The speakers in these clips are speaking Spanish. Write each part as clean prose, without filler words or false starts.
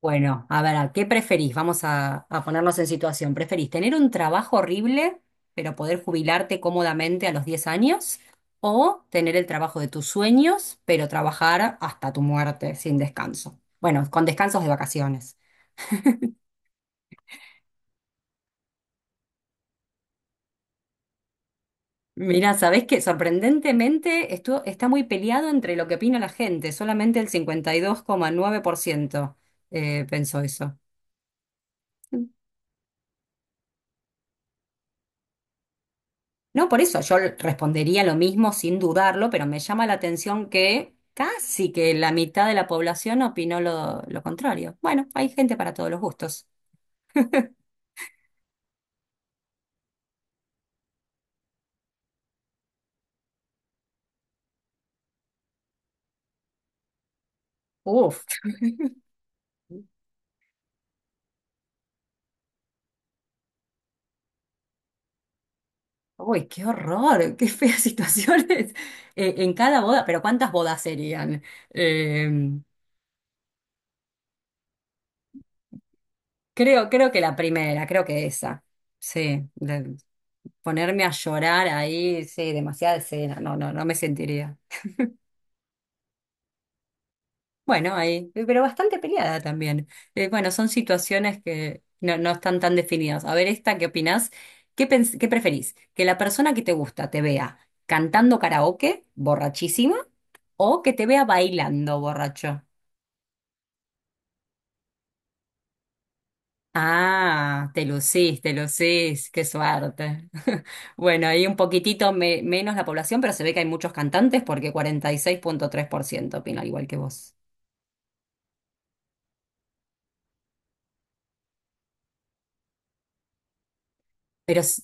Bueno, a ver, ¿a ¿qué preferís? Vamos a ponernos en situación. ¿Preferís tener un trabajo horrible, pero poder jubilarte cómodamente a los 10 años? ¿O tener el trabajo de tus sueños, pero trabajar hasta tu muerte sin descanso? Bueno, con descansos de vacaciones. Mira, ¿sabés qué? Sorprendentemente esto está muy peleado entre lo que opina la gente. Solamente el 52,9% pensó eso. No, por eso yo respondería lo mismo sin dudarlo, pero me llama la atención que casi que la mitad de la población opinó lo contrario. Bueno, hay gente para todos los gustos. Uf, uy, qué horror, qué feas situaciones. En cada boda, pero ¿cuántas bodas serían? Eh, creo que la primera, creo que esa. Sí, ponerme a llorar ahí, sí, demasiada escena, no, no, no me sentiría. Bueno, ahí, pero bastante peleada también. Bueno, son situaciones que no están tan definidas. A ver, esta, ¿qué opinás? ¿ Qué preferís? ¿Que la persona que te gusta te vea cantando karaoke, borrachísima, o que te vea bailando, borracho? Ah, te lucís, qué suerte. Bueno, ahí un poquitito menos la población, pero se ve que hay muchos cantantes porque 46,3% opina al igual que vos. Pero s-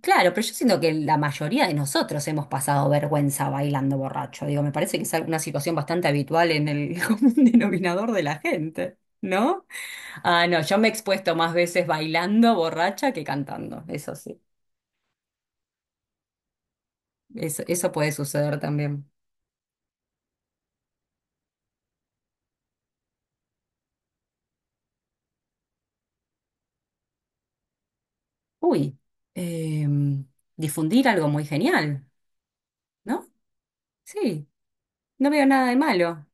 Claro, pero yo siento que la mayoría de nosotros hemos pasado vergüenza bailando borracho. Digo, me parece que es una situación bastante habitual en el común denominador de la gente, ¿no? Ah, no, yo me he expuesto más veces bailando borracha que cantando, eso sí. Eso puede suceder también. Uy, em, difundir algo muy genial, ¿no? Sí, no veo nada de malo.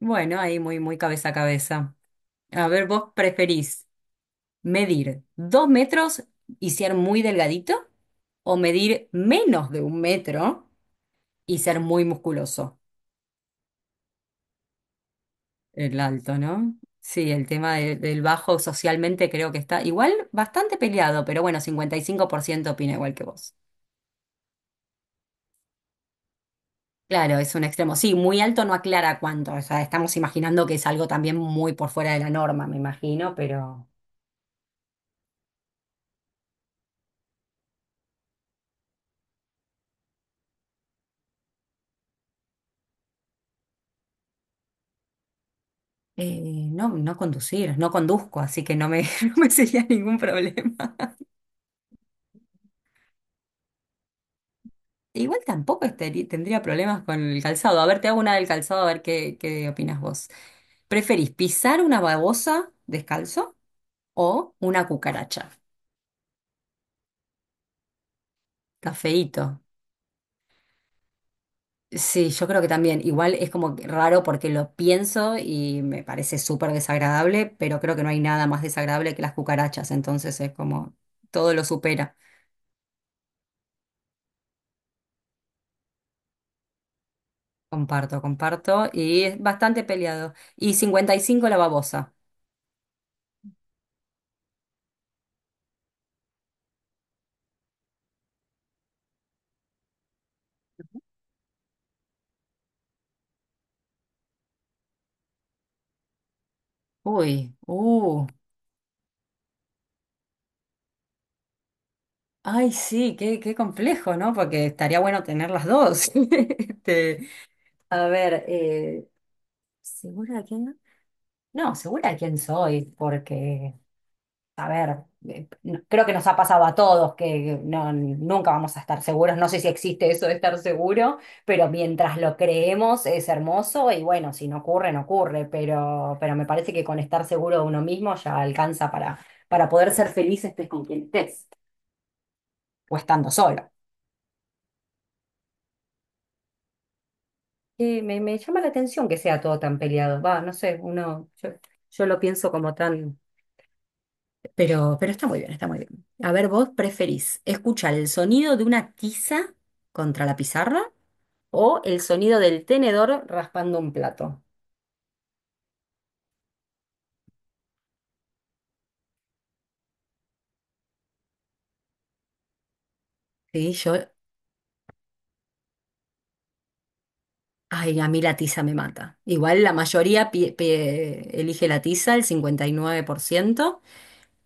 Bueno, ahí muy, muy cabeza a cabeza. A ver, vos preferís medir 2 metros y ser muy delgadito, o medir menos de un metro y ser muy musculoso. El alto, ¿no? Sí, el tema del bajo socialmente creo que está igual bastante peleado, pero bueno, 55% opina igual que vos. Claro, es un extremo. Sí, muy alto no aclara cuánto. O sea, estamos imaginando que es algo también muy por fuera de la norma, me imagino, pero no, no conducir, no conduzco, así que no me, no me sería ningún problema. Igual tampoco tendría problemas con el calzado. A ver, te hago una del calzado, a ver qué opinas vos. ¿Preferís pisar una babosa descalzo o una cucaracha? Está feíto. Sí, yo creo que también. Igual es como que raro porque lo pienso y me parece súper desagradable, pero creo que no hay nada más desagradable que las cucarachas. Entonces es como todo lo supera. Comparto, comparto. Y es bastante peleado. Y 55 la babosa. Uy. Ay, sí, qué complejo, ¿no? Porque estaría bueno tener las dos. Este, a ver, ¿segura de quién? No, segura de quién soy, porque, a ver, creo que nos ha pasado a todos que no, nunca vamos a estar seguros. No sé si existe eso de estar seguro, pero mientras lo creemos es hermoso y bueno, si no ocurre, no ocurre, pero, me parece que con estar seguro de uno mismo ya alcanza para poder ser feliz estés con quien estés o estando solo. Sí, me llama la atención que sea todo tan peleado. Va, no sé, uno, yo lo pienso como tan. Pero está muy bien, está muy bien. A ver, ¿vos preferís escuchar el sonido de una tiza contra la pizarra? O el sonido del tenedor raspando un plato. Sí, yo, ay, a mí la tiza me mata. Igual la mayoría elige la tiza, el 59%.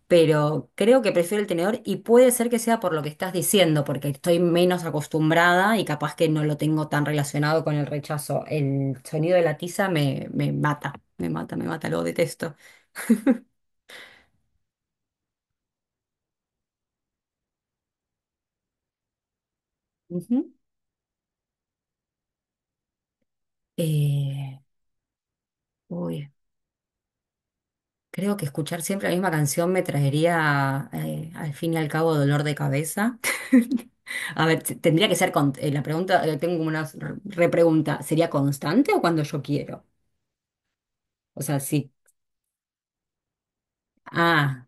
Pero creo que prefiero el tenedor y puede ser que sea por lo que estás diciendo, porque estoy menos acostumbrada y capaz que no lo tengo tan relacionado con el rechazo. El sonido de la tiza me mata, me mata, me mata, lo detesto. Ujú. Eh, Uy, creo que escuchar siempre la misma canción me traería, al fin y al cabo, dolor de cabeza. A ver, tendría que ser con, la pregunta, tengo como una repregunta, ¿sería constante o cuando yo quiero? O sea, sí. Ah.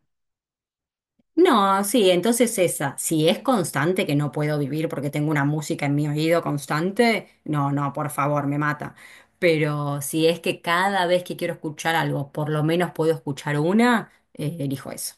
No, sí, entonces esa, si es constante que no puedo vivir porque tengo una música en mi oído constante, no, no, por favor, me mata. Pero si es que cada vez que quiero escuchar algo, por lo menos puedo escuchar una, elijo eso.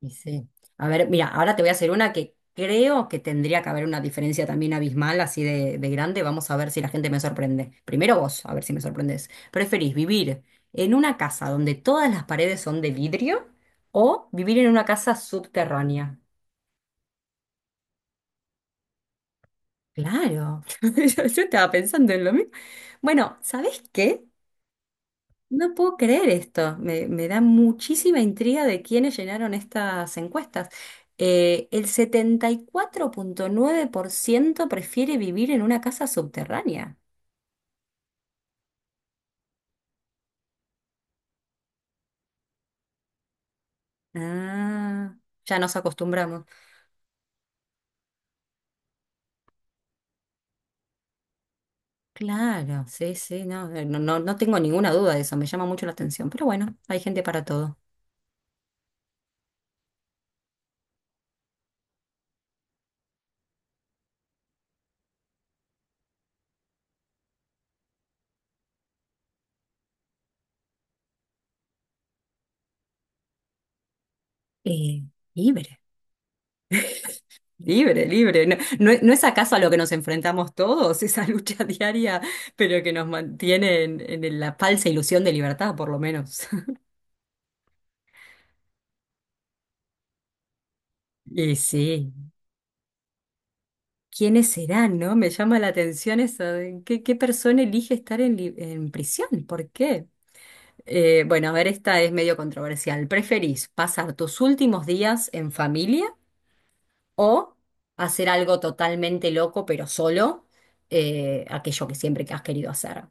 Y sí. A ver, mira, ahora te voy a hacer una que creo que tendría que haber una diferencia también abismal, así de grande. Vamos a ver si la gente me sorprende. Primero vos, a ver si me sorprendes. ¿Preferís vivir en una casa donde todas las paredes son de vidrio o vivir en una casa subterránea? Claro, yo estaba pensando en lo mismo. Bueno, ¿sabés qué? No puedo creer esto, me da muchísima intriga de quiénes llenaron estas encuestas. El 74,9% prefiere vivir en una casa subterránea. Ah, ya nos acostumbramos. Claro, sí, sí, no, no tengo ninguna duda de eso, me llama mucho la atención, pero bueno, hay gente para todo. Eh, Libre, libre. ¿No, no es acaso a lo que nos enfrentamos todos, esa lucha diaria, pero que nos mantiene en la falsa ilusión de libertad, por lo menos? Y sí, ¿quiénes serán, no? Me llama la atención eso, de ¿qué persona elige estar en prisión? ¿Por qué? Bueno, a ver, esta es medio controversial. ¿Preferís pasar tus últimos días en familia o hacer algo totalmente loco pero solo, aquello que siempre que has querido hacer?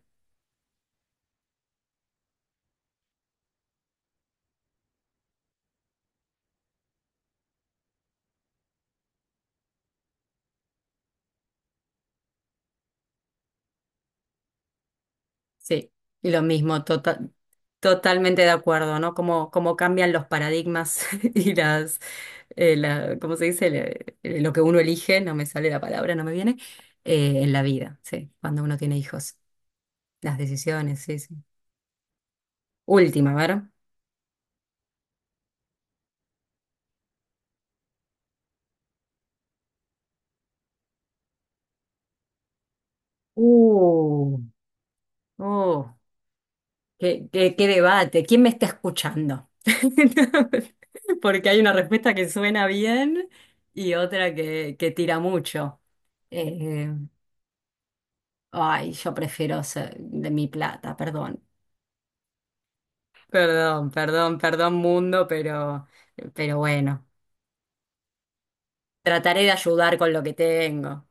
Sí, y lo mismo, totalmente de acuerdo, ¿no? Cómo cambian los paradigmas y las, la, ¿cómo se dice? Lo que uno elige, no me sale la palabra, no me viene, en la vida, sí, cuando uno tiene hijos, las decisiones, sí, sí. Última, a ver. Uh, oh, qué debate, ¿quién me está escuchando? Porque hay una respuesta que suena bien y otra que tira mucho. eh, Ay, yo prefiero ser de mi plata, perdón. Perdón, perdón, perdón mundo, pero, bueno, trataré de ayudar con lo que tengo.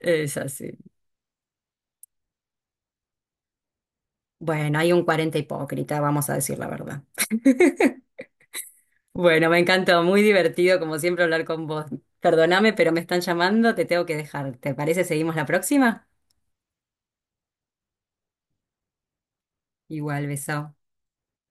Es así. Bueno, hay un 40 hipócrita, vamos a decir la verdad. Bueno, me encantó, muy divertido como siempre hablar con vos. Perdóname, pero me están llamando, te tengo que dejar. ¿Te parece seguimos la próxima? Igual, beso.